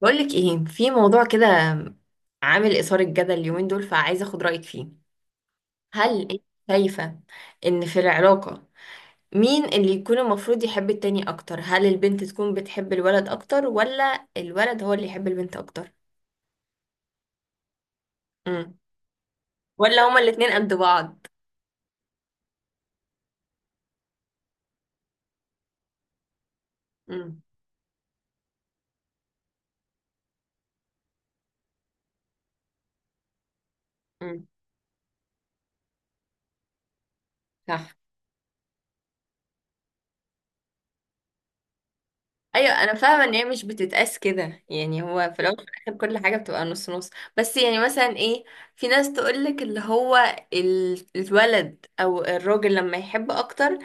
بقولك ايه في موضوع كده عامل اثار الجدل اليومين دول، فعايزه اخد رايك فيه. هل انت شايفه ان في العلاقه مين اللي يكون المفروض يحب التاني اكتر؟ هل البنت تكون بتحب الولد اكتر ولا الولد هو اللي يحب البنت اكتر؟ امم ولا هما الاتنين قد بعض؟ امم. امم. صح. ايوه انا فاهمه ان هي مش بتتقاس كده، يعني هو في الاول وفي الاخر كل حاجه بتبقى نص نص. بس يعني مثلا ايه، في ناس تقولك اللي هو الولد او الراجل لما يحب اكتر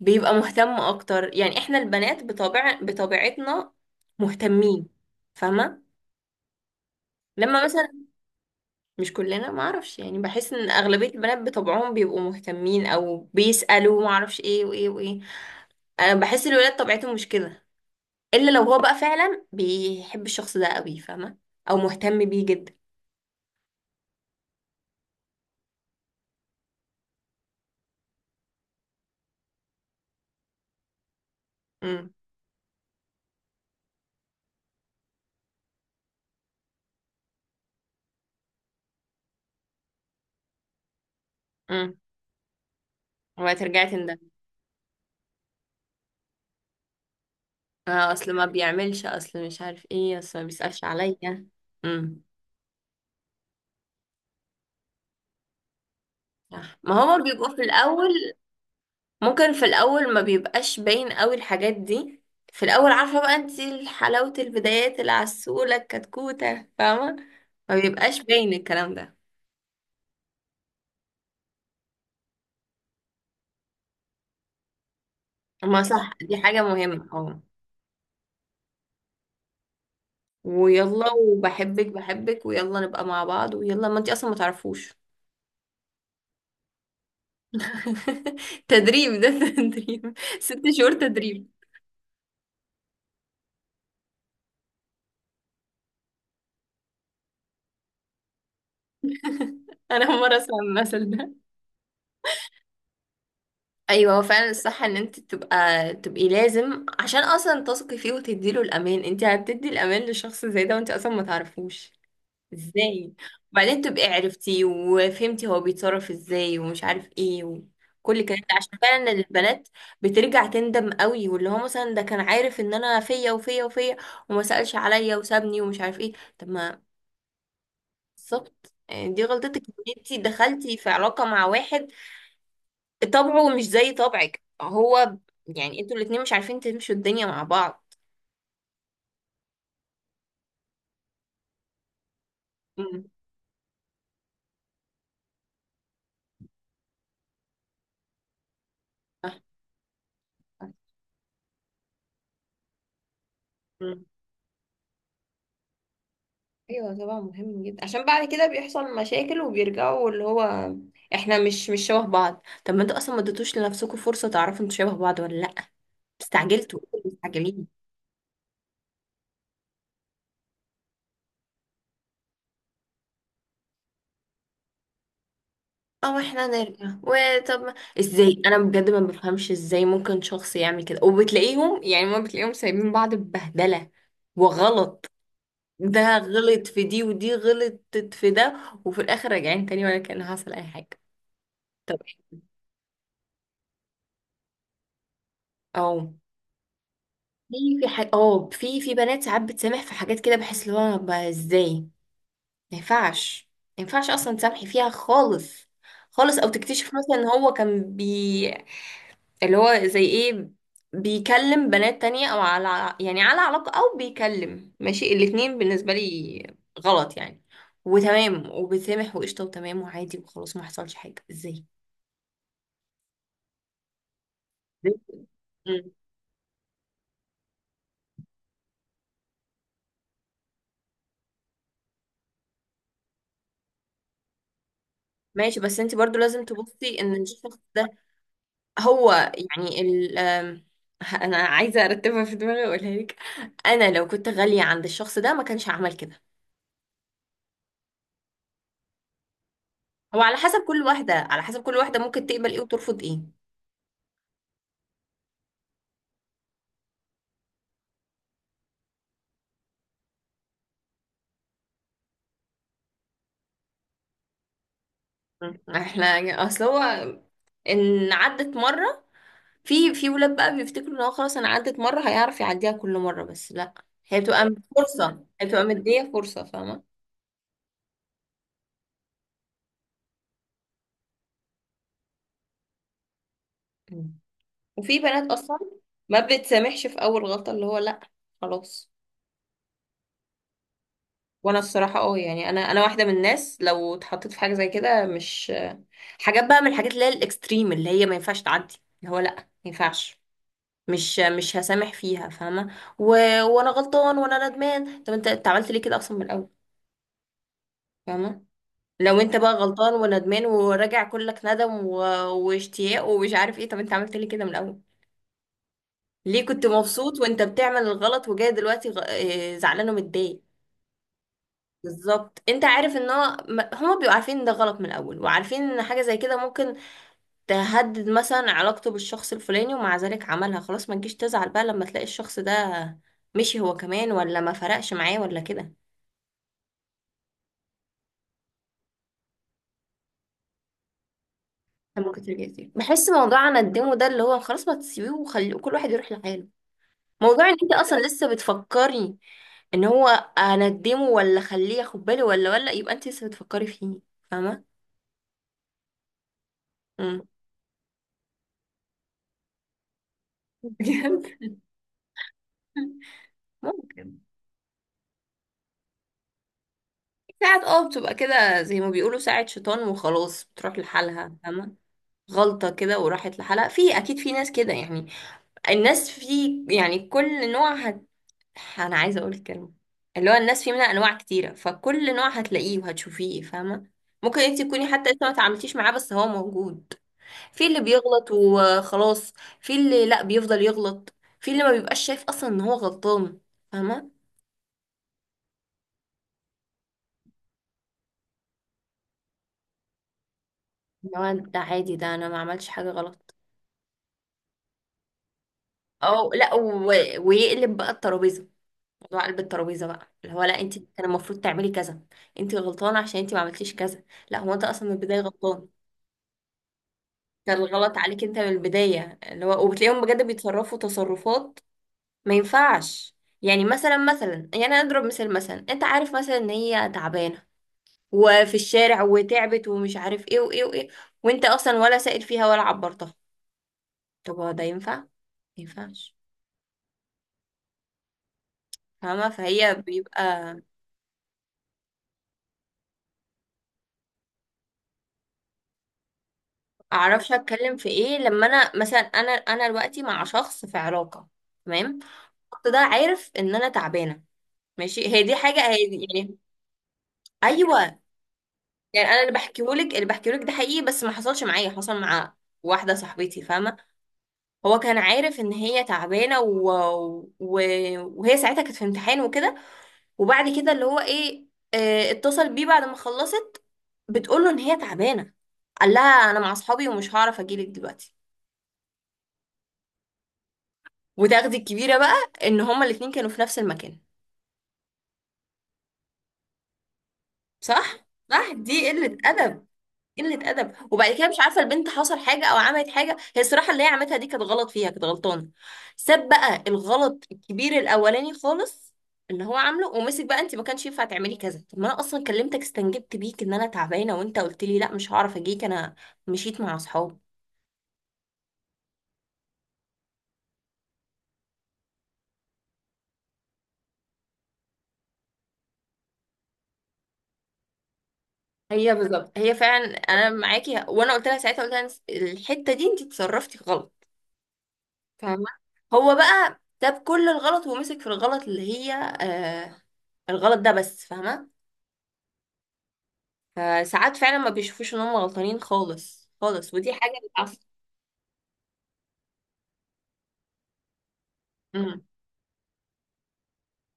بيبقى مهتم اكتر، يعني احنا البنات بطبع بطبيعتنا مهتمين. فاهمه؟ لما مثلا مش كلنا، ما اعرفش يعني، بحس ان اغلبيه البنات بطبعهم بيبقوا مهتمين او بيسالوا، ما اعرفش، ايه وايه وايه. انا بحس الولاد طبيعتهم مش كده، الا لو هو بقى فعلا بيحب الشخص ده قوي، فاهمه؟ او مهتم بيه جدا. امم. امم. وهترجعي تندمي. اه، اصل ما بيعملش، اصل مش عارف ايه، اصل ما بيسألش عليا. امم. صح، ما هو بيبقوا في الاول. ممكن في الاول ما بيبقاش باين قوي الحاجات دي، في الاول عارفه بقى انت حلاوه البدايات، العسوله، الكتكوته، فاهمه؟ ما بيبقاش باين الكلام ده. ما صح، دي حاجه مهمه، اه. ويلا، وبحبك بحبك، ويلا نبقى مع بعض، ويلا ما انت اصلا ما تعرفوش. تدريب ده، تدريب، ست شهور تدريب. انا اول مره اسمع المثل ده. ايوه، هو فعلا الصح ان انت تبقي لازم، عشان اصلا تثقي فيه وتديله الامان. انت هتدي الامان لشخص زي ده وانت اصلا ما تعرفوش؟ ازاي؟ وبعدين تبقي عرفتي وفهمتي هو بيتصرف ازاي، ومش عارف ايه، وكل الكلام ده، عشان فعلا البنات بترجع تندم قوي، واللي هو مثلا ده كان عارف ان انا فيا وفيا وفيا وما سألش عليا وسابني ومش عارف ايه، طب ما. بالظبط، يعني دي غلطتك ان انتي دخلتي في علاقة مع واحد طبعه مش زي طبعك، هو يعني انتوا الاتنين مش عارفين تمشوا الدنيا مع بعض. امم. ايوه طبعا، مهم جدا، عشان بعد كده بيحصل مشاكل وبيرجعوا اللي هو احنا مش شبه بعض. طب ما انتوا اصلا ما اديتوش لنفسكم فرصه تعرفوا انتوا شبه بعض ولا لا. استعجلتوا. انتوا اللي مستعجلين. او احنا نرجع وطب ازاي انا بجد ما بفهمش ازاي ممكن شخص يعمل كده. وبتلاقيهم يعني ما بتلاقيهم سايبين بعض ببهدله وغلط، ده غلط في دي ودي غلطت في ده، وفي الاخر راجعين تاني ولا كان حصل اي حاجه. طب، اه. في في بنات ساعات بتسامح في حاجات كده، بحس اللي هو بقى ازاي؟ ما ينفعش، ما ينفعش اصلا تسامحي فيها خالص خالص. او تكتشف مثلا ان هو كان اللي هو زي ايه، بيكلم بنات تانية، او على يعني على علاقة، او بيكلم ماشي الاتنين، بالنسبة لي غلط يعني. وتمام، وبتسامح، وقشطة، وتمام، وعادي، وخلاص ما حصلش حاجة؟ ازاي؟ ازاي؟ مم. ماشي، بس انت برضو لازم تبصي ان الشخص ده، هو يعني ال آم، انا عايزه ارتبها في دماغي واقولها لك. انا لو كنت غاليه عند الشخص ده ما كانش هعمل كده. هو على حسب كل واحده، على حسب كل واحده ممكن تقبل ايه وترفض ايه. م. احنا، اصل هو ان عدت مره، في في ولاد بقى بيفتكروا ان هو خلاص انا عدت مره هيعرف يعديها كل مره، بس لا. هي بتبقى فرصه، هي بتبقى مديه فرصه، فاهمه؟ م. وفي بنات اصلا ما بتسامحش في اول غلطه، اللي هو لا، خلاص. وانا الصراحه اه، يعني انا واحده من الناس لو اتحطيت في حاجه زي كده مش، حاجات بقى من الحاجات اللي هي الاكستريم، اللي هي ما ينفعش تعدي، اللي هو لا ما ينفعش. مش هسامح فيها، فاهمه؟ وانا غلطان وانا ندمان، طب انت انت عملت ليه كده اصلا من الاول؟ فاهمه؟ لو انت بقى غلطان وندمان وراجع كلك ندم واشتياق ومش عارف ايه، طب انت عملت ليه كده من الاول؟ ليه كنت مبسوط وانت بتعمل الغلط وجاي دلوقتي غ... آه، زعلان ومتضايق. بالظبط، انت عارف ان هو هما بيبقوا عارفين ان ده غلط من الاول، وعارفين ان حاجه زي كده ممكن تهدد مثلا علاقته بالشخص الفلاني، ومع ذلك عملها، خلاص ما تجيش تزعل بقى لما تلاقي الشخص ده مشي هو كمان ولا ما فرقش معاه ولا كده. ده ممكن ترجع تاني، بحس موضوع ندمه ده اللي هو خلاص ما تسيبيه وخلي كل واحد يروح لحاله. موضوع ان انت اصلا لسه بتفكري ان هو اندمه ولا خليه ياخد بالي ولا يبقى انت لسه بتفكري فيه، فاهمه؟ امم. بجد. ممكن ساعات اه بتبقى كده زي ما بيقولوا ساعة شيطان وخلاص بتروح لحالها، فاهمة؟ غلطة كده وراحت لحالها، في أكيد في ناس كده يعني. الناس في يعني كل نوع أنا عايزة أقول الكلمة، اللي هو الناس في منها أنواع كتيرة، فكل نوع هتلاقيه وهتشوفيه، فاهمة؟ ممكن انت تكوني حتى لسه ما تعاملتيش معاه بس هو موجود. في اللي بيغلط وخلاص، في اللي لا بيفضل يغلط، في اللي ما بيبقاش شايف اصلا ان هو غلطان، فاهمه؟ لو ده عادي، ده انا ما عملتش حاجه غلط، اه. لا و... ويقلب بقى الترابيزه. موضوع قلب الترابيزه بقى، اللي هو لا انت كان المفروض تعملي كذا، انت غلطانه عشان انت ما عملتيش كذا. لا، هو انت اصلا من البدايه غلطان، كان الغلط عليك انت من البدايه. اللي هو وبتلاقيهم بجد بيتصرفوا تصرفات ما ينفعش. يعني مثلا مثلا، يعني انا اضرب مثال، مثلا انت عارف مثلا ان هي تعبانه وفي الشارع وتعبت ومش عارف ايه وايه وايه، وانت اصلا ولا سائل فيها ولا عبرتها. طب هو ده ينفع؟ ما ينفعش، فاهمه؟ فهي بيبقى، اعرفش اتكلم في ايه؟ لما انا مثلا انا انا دلوقتي مع شخص في علاقه، تمام؟ الشخص ده عارف ان انا تعبانه. ماشي، هي دي حاجه، هي دي يعني. ايوه، يعني انا اللي بحكيهولك، اللي بحكيهولك ده حقيقي، بس ما حصلش معايا، حصل مع واحده صاحبتي، فاهمه؟ هو كان عارف ان هي تعبانه و... وهي ساعتها كانت في امتحان وكده، وبعد كده اللي هو ايه، اتصل بيه بعد ما خلصت، بتقول له ان هي تعبانه، قال لها انا مع اصحابي ومش هعرف اجيلك دلوقتي. وتاخدي الكبيرة بقى ان هما الاتنين كانوا في نفس المكان. صح؟ صح، دي قلة أدب. قلة أدب. وبعد كده مش عارفة البنت حصل حاجة أو عملت حاجة، هي الصراحة اللي هي عملتها دي كانت غلط، فيها كانت غلطانة. ساب بقى الغلط الكبير الأولاني خالص اللي هو عامله، ومسك بقى انت ما كانش ينفع تعملي كذا. طب ما انا اصلا كلمتك، استنجدت بيك ان انا تعبانه، وانت قلت لي لا مش هعرف اجيك، انا مشيت مع اصحابي. هي بالظبط، هي فعلا انا معاكي، وانا قلت لها ساعتها، قلت لها الحته دي انت اتصرفتي غلط، فاهمة؟ هو بقى ساب كل الغلط ومسك في الغلط اللي هي آه الغلط ده بس، فاهمة؟ فساعات فعلا ما بيشوفوش ان هم غلطانين خالص خالص، ودي حاجة بتعصب. امم.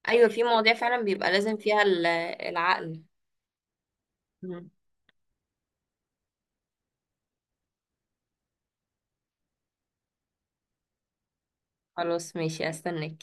ايوه، في مواضيع فعلا بيبقى لازم فيها العقل. امم. خلاص ماشي، استناك.